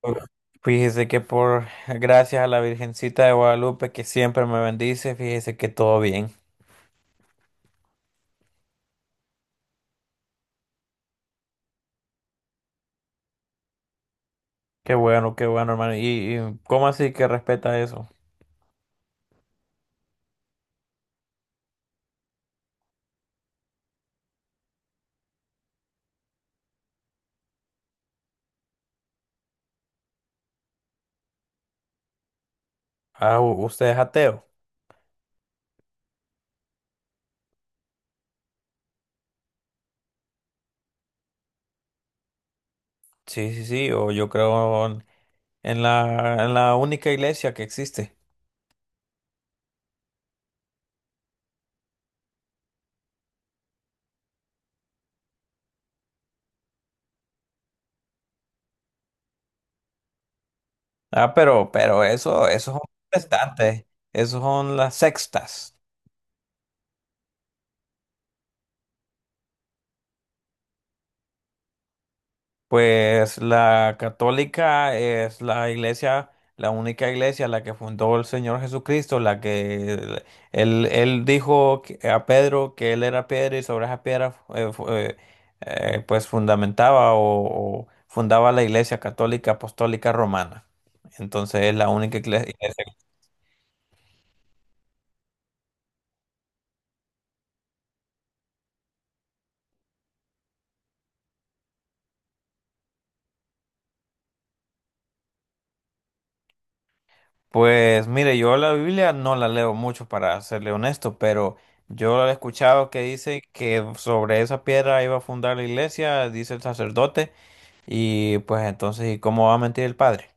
Uf, fíjese que por gracias a la Virgencita de Guadalupe que siempre me bendice, fíjese que todo bien. Qué bueno, hermano. ¿Y cómo así que respeta eso? ¿Usted es ateo? Sí, sí, sí, o yo creo en en la única iglesia que existe. Ah, pero eso, eso son protestantes, esos son las sextas. Pues la católica es la iglesia, la única iglesia, la que fundó el Señor Jesucristo, la que él dijo a Pedro que él era piedra y sobre esa piedra pues fundamentaba o fundaba la iglesia católica apostólica romana. Entonces es la única iglesia. Pues mire, yo la Biblia no la leo mucho para serle honesto, pero yo he escuchado que dice que sobre esa piedra iba a fundar la iglesia, dice el sacerdote, y pues entonces, ¿y cómo va a mentir el padre?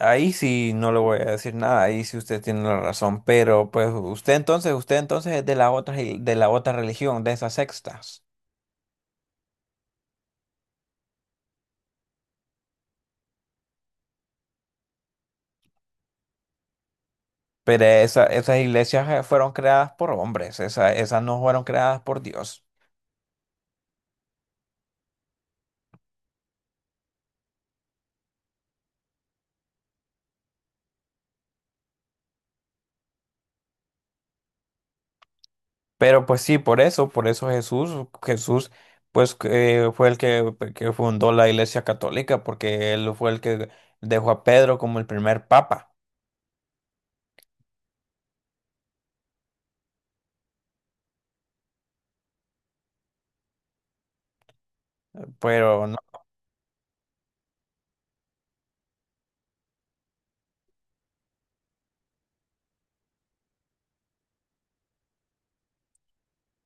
Ahí sí no le voy a decir nada, ahí sí usted tiene la razón, pero pues usted entonces es de la otra, de la otra religión, de esas sextas. Pero esas iglesias fueron creadas por hombres, esas no fueron creadas por Dios. Pero pues sí, por eso Jesús, Jesús, pues que fue el que fundó la Iglesia Católica, porque él fue el que dejó a Pedro como el primer papa. Pero no,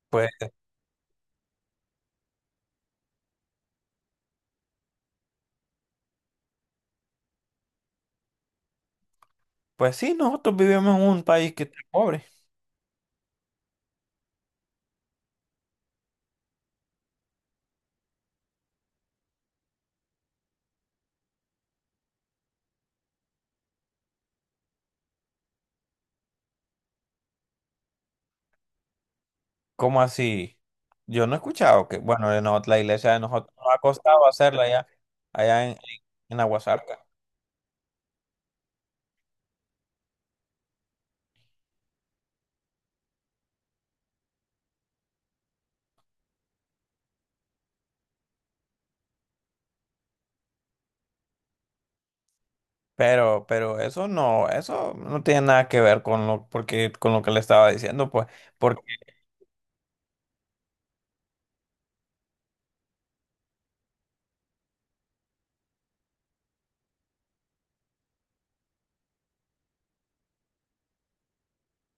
pues, pues sí, nosotros vivimos en un país que está pobre. ¿Cómo así? Yo no he escuchado que, bueno, de no- la iglesia de nosotros nos ha costado hacerla allá, allá en Aguasarca. Pero eso no tiene nada que ver con lo, porque, con lo que le estaba diciendo, pues.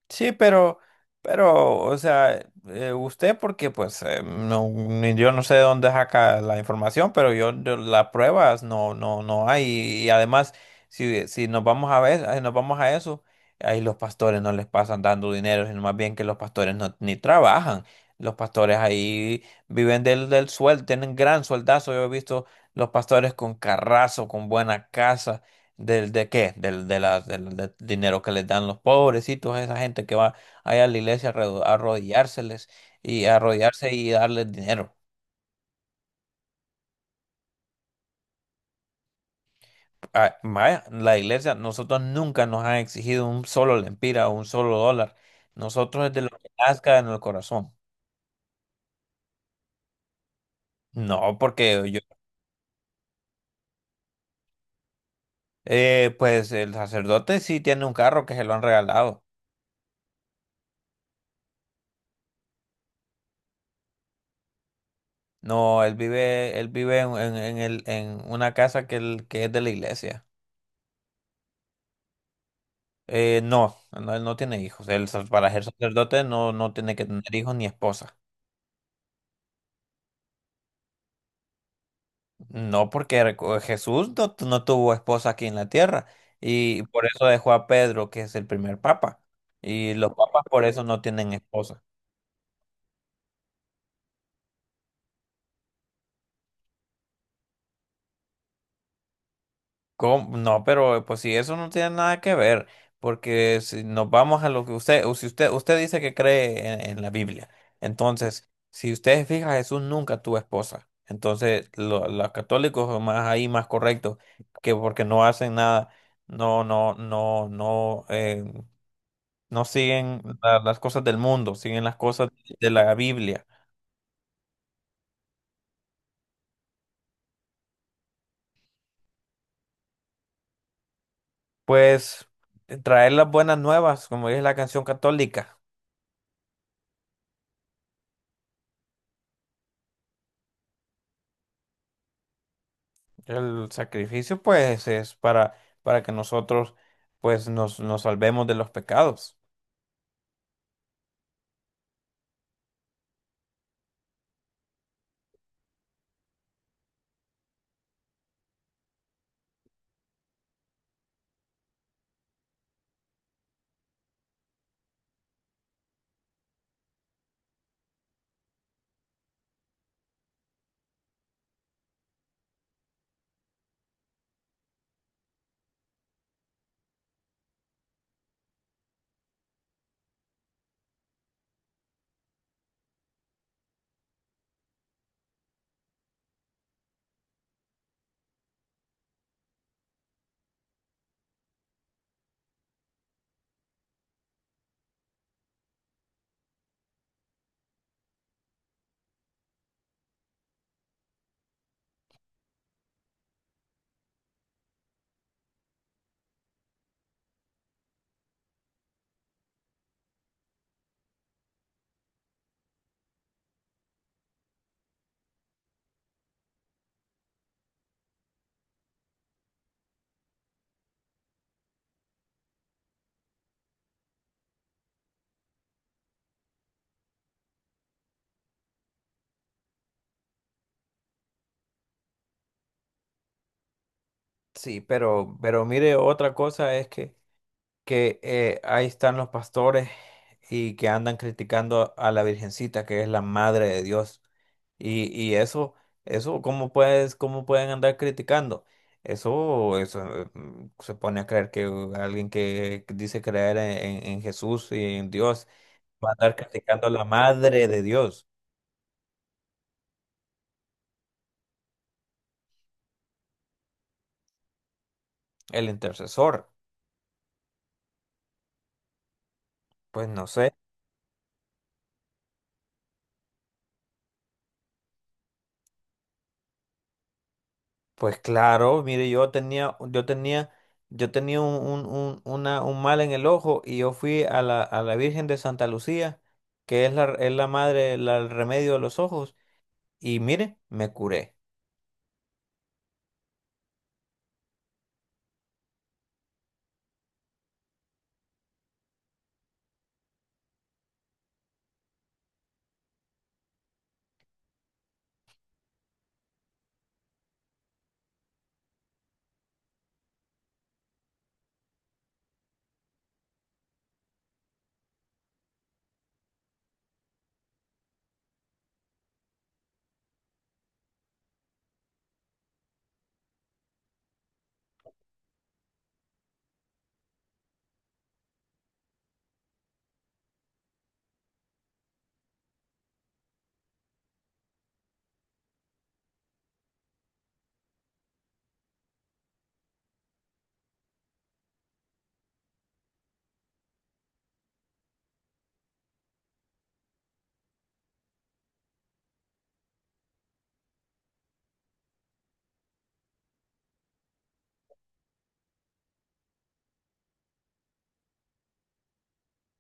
Sí, pero, o sea, usted porque pues no, yo no sé de dónde saca la información, pero yo las pruebas no, no, no hay. Y, además, si, si nos vamos a ver, nos vamos a eso, ahí los pastores no les pasan dando dinero, sino más bien que los pastores no, ni trabajan. Los pastores ahí viven del, del sueldo, tienen gran sueldazo. Yo he visto los pastores con carrazo, con buena casa. ¿Del de qué? Del, de las, del, del dinero que les dan los pobrecitos, esa gente que va allá a la iglesia a a arrodillárseles y a arrodillarse y darles dinero. Ah, vaya, la iglesia, nosotros nunca nos han exigido un solo lempira o un solo dólar. Nosotros es de lo que nazca en el corazón. No, porque yo, pues el sacerdote sí tiene un carro que se lo han regalado. No, él vive en, en el, en una casa que, que es de la iglesia. No, no, él no tiene hijos. Él, para ser sacerdote no, no tiene que tener hijos ni esposa. No, porque Jesús no, no tuvo esposa aquí en la tierra. Y por eso dejó a Pedro, que es el primer papa. Y los papas por eso no tienen esposa. ¿Cómo? No, pero pues si eso no tiene nada que ver, porque si nos vamos a lo que usted, o si usted, usted dice que cree en la Biblia, entonces, si usted se fija, Jesús nunca tuvo esposa. Entonces, los católicos son más ahí más correctos, que porque no hacen nada, no, no, no, no, no siguen las cosas del mundo, siguen las cosas de la Biblia. Pues traer las buenas nuevas, como dice la canción católica. El sacrificio, pues, es para que nosotros, pues, nos, nos salvemos de los pecados. Sí, pero mire, otra cosa es que ahí están los pastores y que andan criticando a la Virgencita, que es la madre de Dios. Y eso, eso, ¿cómo puedes, cómo pueden andar criticando? Eso, se pone a creer que alguien que dice creer en, en Jesús y en Dios va a andar criticando a la madre de Dios. El intercesor, pues no sé. Pues claro, mire, yo tenía, yo tenía, yo tenía un, un mal en el ojo y yo fui a la Virgen de Santa Lucía, que es la madre, el remedio de los ojos, y mire, me curé.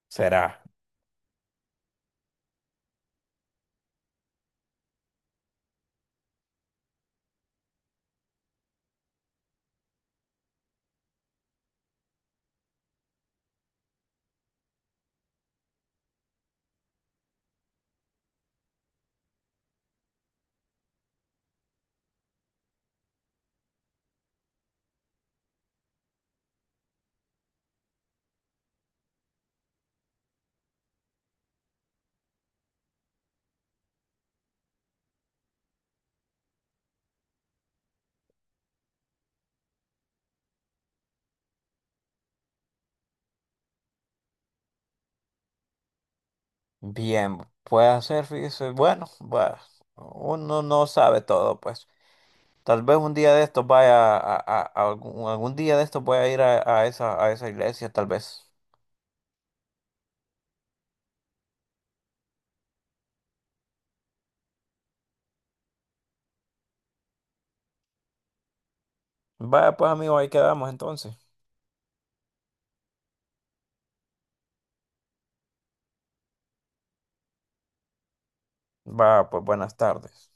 Será. Bien, puede hacer, fíjese, bueno, bueno, uno no sabe todo, pues. Tal vez un día de estos vaya a, a algún, algún día de estos voy a ir a esa iglesia, tal vez. Vaya, pues amigo, ahí quedamos entonces. Va, pues buenas tardes.